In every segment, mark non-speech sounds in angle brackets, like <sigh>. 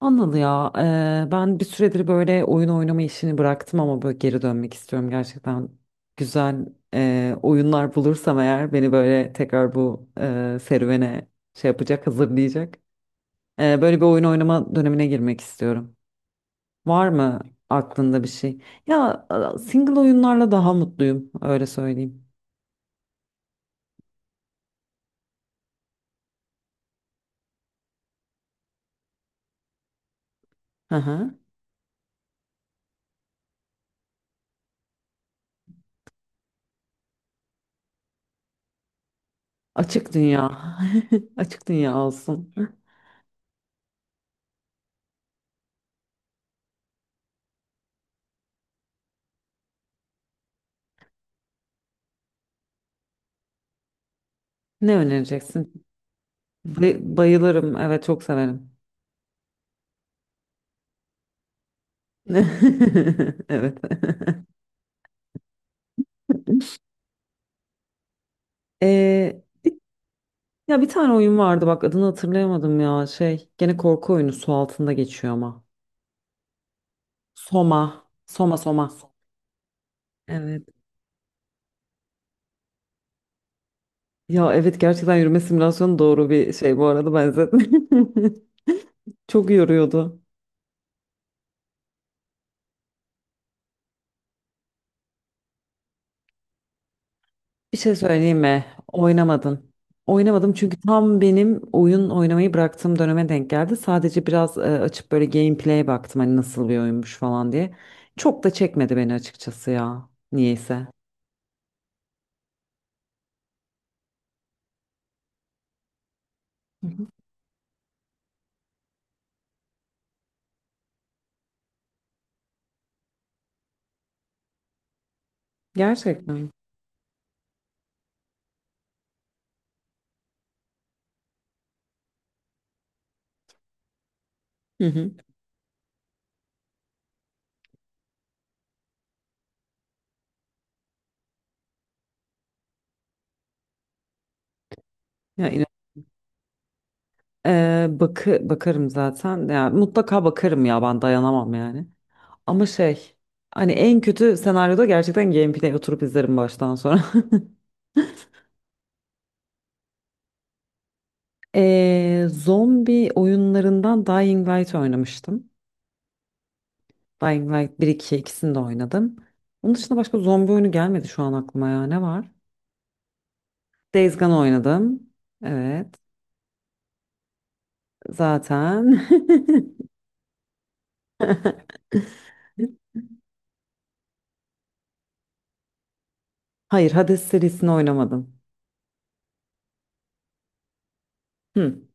Anıl ya, ben bir süredir böyle oyun oynama işini bıraktım ama böyle geri dönmek istiyorum gerçekten. Güzel oyunlar bulursam eğer beni böyle tekrar bu serüvene şey yapacak, hazırlayacak. Böyle bir oyun oynama dönemine girmek istiyorum. Var mı aklında bir şey? Single oyunlarla daha mutluyum, öyle söyleyeyim. Hı hı. Açık dünya, <laughs> açık dünya olsun. Ne önereceksin? Bayılırım, evet çok severim. <laughs> Evet. <laughs> Ee, Ya bir tane oyun vardı, bak adını hatırlayamadım ya, şey, gene korku oyunu, su altında geçiyor ama. Soma. Soma. Evet. Ya evet, gerçekten yürüme simülasyonu doğru bir şey bu arada, benzetme. <laughs> Çok yoruyordu. Bir şey söyleyeyim mi? Oynamadım. Oynamadım çünkü tam benim oyun oynamayı bıraktığım döneme denk geldi. Sadece biraz açıp böyle gameplay'e baktım, hani nasıl bir oyunmuş falan diye. Çok da çekmedi beni açıkçası ya. Niyeyse. Hı hı. Gerçekten. Hı hı. Ya inan- Bakarım zaten. Ya mutlaka bakarım ya, ben dayanamam yani. Ama şey, hani en kötü senaryoda gerçekten gameplay oturup izlerim baştan sonra. <laughs> Zombi oyunlarından Dying Light oynamıştım. Dying Light bir 2, ikisini de oynadım. Onun dışında başka zombi oyunu gelmedi şu an aklıma ya. Ne var? Days Gone oynadım. Evet. Zaten. <laughs> Hayır, Hades serisini oynamadım. Hı.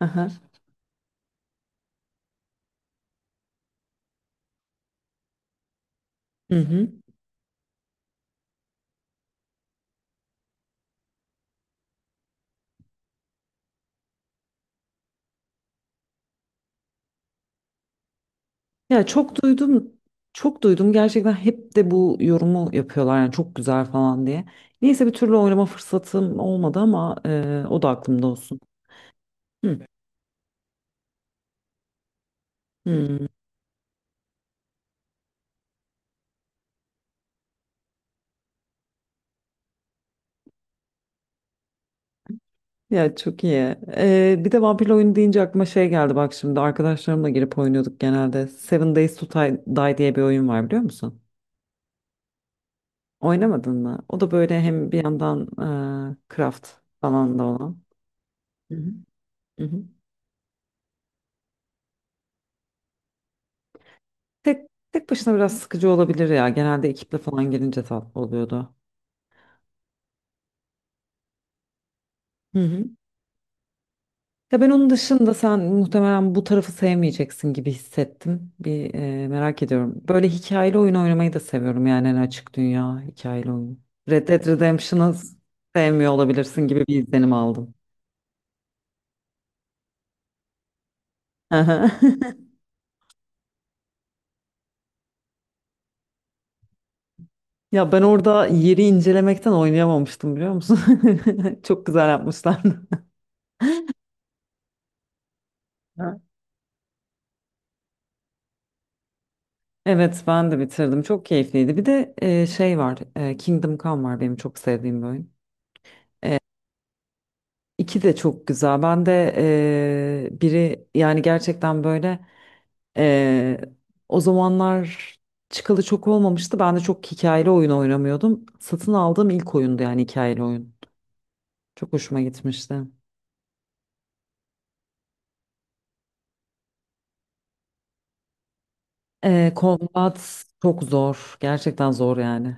Aha. Hı hı. Ya çok duydum. Çok duydum. Gerçekten hep de bu yorumu yapıyorlar. Yani çok güzel falan diye. Neyse, bir türlü oynama fırsatım olmadı ama o da aklımda olsun. Hı. Hı. Ya çok iyi. Bir de vampirli oyun deyince aklıma şey geldi, bak şimdi arkadaşlarımla girip oynuyorduk genelde. Seven Days to Die Die diye bir oyun var, biliyor musun? Oynamadın mı? O da böyle hem bir yandan craft falan da olan. Hı hı. Hı hı. Tek başına biraz sıkıcı olabilir ya. Genelde ekiple falan gelince tatlı oluyordu. Hı hı. Ya ben onun dışında sen muhtemelen bu tarafı sevmeyeceksin gibi hissettim. Bir merak ediyorum. Böyle hikayeli oyun oynamayı da seviyorum yani, en açık dünya hikayeli oyun. Red Dead Redemption'ı sevmiyor olabilirsin gibi bir izlenim aldım. Aha. <laughs> Ya ben orada yeri incelemekten oynayamamıştım, biliyor musun? <laughs> Çok güzel yapmışlar. Ha. Evet ben de bitirdim. Çok keyifliydi. Bir de şey var. Kingdom Come var, benim çok sevdiğim bir oyun. İki de çok güzel. Ben de biri, yani gerçekten böyle eee, o zamanlar çıkalı çok olmamıştı. Ben de çok hikayeli oyun oynamıyordum. Satın aldığım ilk oyundu, yani hikayeli oyun. Çok hoşuma gitmişti. Combat çok zor. Gerçekten zor yani.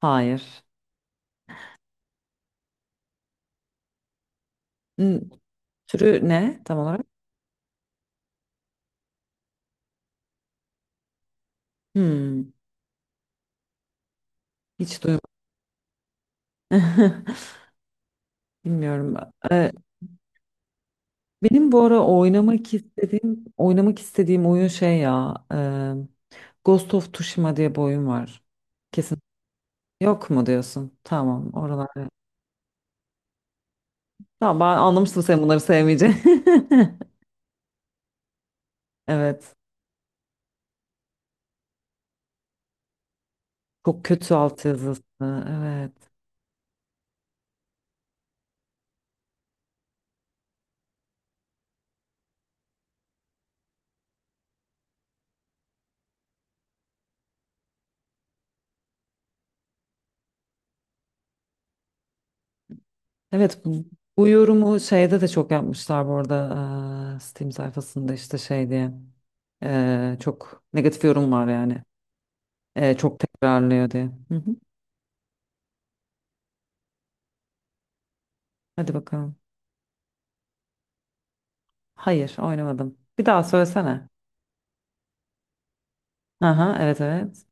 Hayır. N- Türü ne tam olarak? Hmm, hiç duymadım. <laughs> Bilmiyorum. Eee, Benim bu ara oynamak istediğim oyun şey ya. Ghost of Tsushima diye bir oyun var. Kesin yok mu diyorsun? Tamam, oralar. Tamam, ben anlamıştım sen bunları sevmeyeceğini. <laughs> Evet. Çok kötü altyazısı. Evet. Evet bu, Bu yorumu şeyde de çok yapmışlar bu arada. Steam sayfasında işte şey diye. Çok negatif yorum var yani. Çok tekrarlıyor diye. Hı hı. Hadi bakalım. Hayır, oynamadım. Bir daha söylesene. Aha, evet evet.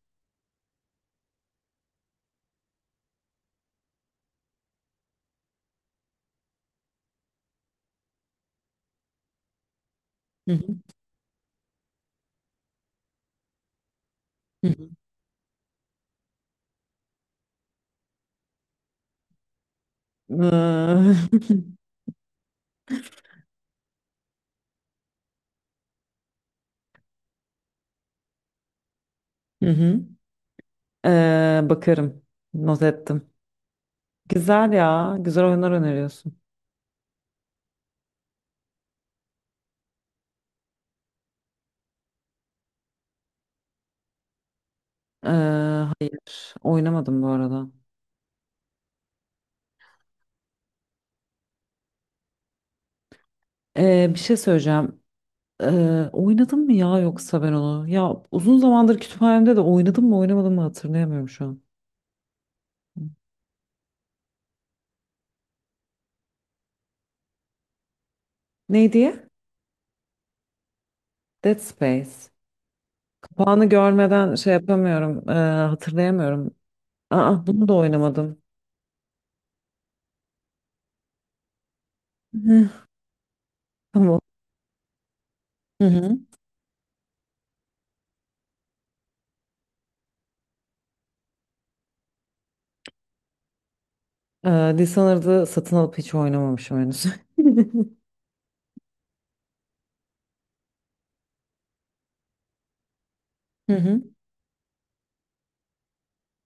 Hı hı. Hı hı. Eee, <laughs> Hı hı. Bakarım. Not ettim. Güzel ya. Güzel oyunlar öneriyorsun. Ee, hayır. Oynamadım bu arada. Bir şey söyleyeceğim. Oynadım mı ya yoksa ben onu? Ya uzun zamandır kütüphanemde, de oynadım mı oynamadım mı hatırlayamıyorum şu an. Ne diye? Dead Space. Kapağını görmeden şey yapamıyorum. Hatırlayamıyorum. Aa, bunu da oynamadım. Hı. Tamam. Hı hı. Dishonored'ı satın alıp hiç oynamamışım henüz. <laughs> Hı hı.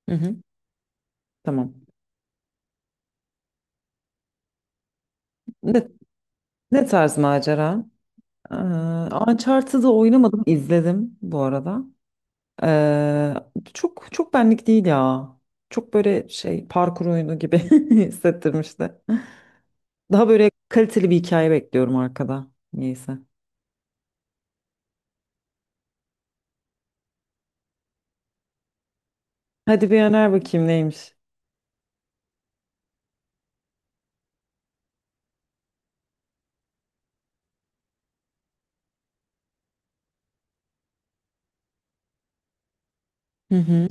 Hı hı. Tamam. Ne tarz macera? Ee, Uncharted'ı oynamadım, izledim bu arada. Ee, Çok çok benlik değil ya. Çok böyle şey parkur oyunu gibi <laughs> hissettirmişti. Daha böyle kaliteli bir hikaye bekliyorum arkada. Neyse. Hadi bir öner bakayım neymiş. Hı hı,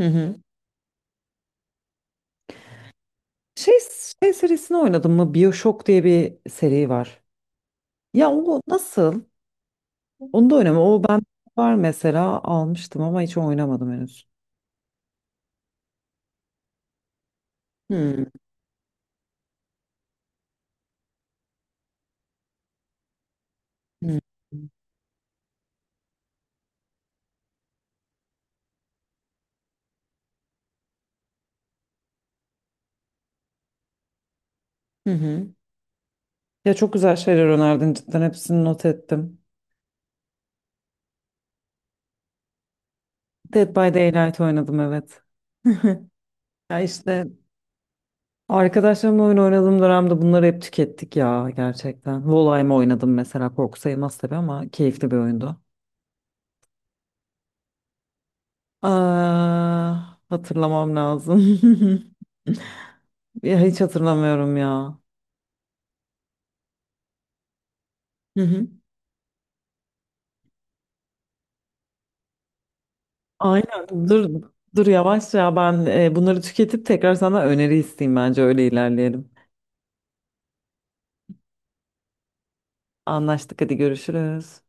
hı hı. Şey, Şey serisini oynadım mı? BioShock diye bir seri var. Ya o nasıl? Onu da oynama. O ben var mesela, almıştım ama hiç oynamadım henüz. Hı hı. Hı hı. Ya çok güzel şeyler önerdin, cidden hepsini not ettim. Dead by Daylight oynadım, evet. <laughs> Ya işte arkadaşlarımla oyun oynadığım dönemde bunları hep tükettik ya, gerçekten. Volheim oynadım mesela, korku sayılmaz tabii ama keyifli bir oyundu. Aa, hatırlamam lazım. <laughs> Ya hiç hatırlamıyorum ya. Hı hı. Aynen, dur yavaş ya, ben bunları tüketip tekrar sana öneri isteyeyim, bence öyle ilerleyelim. Anlaştık, hadi görüşürüz.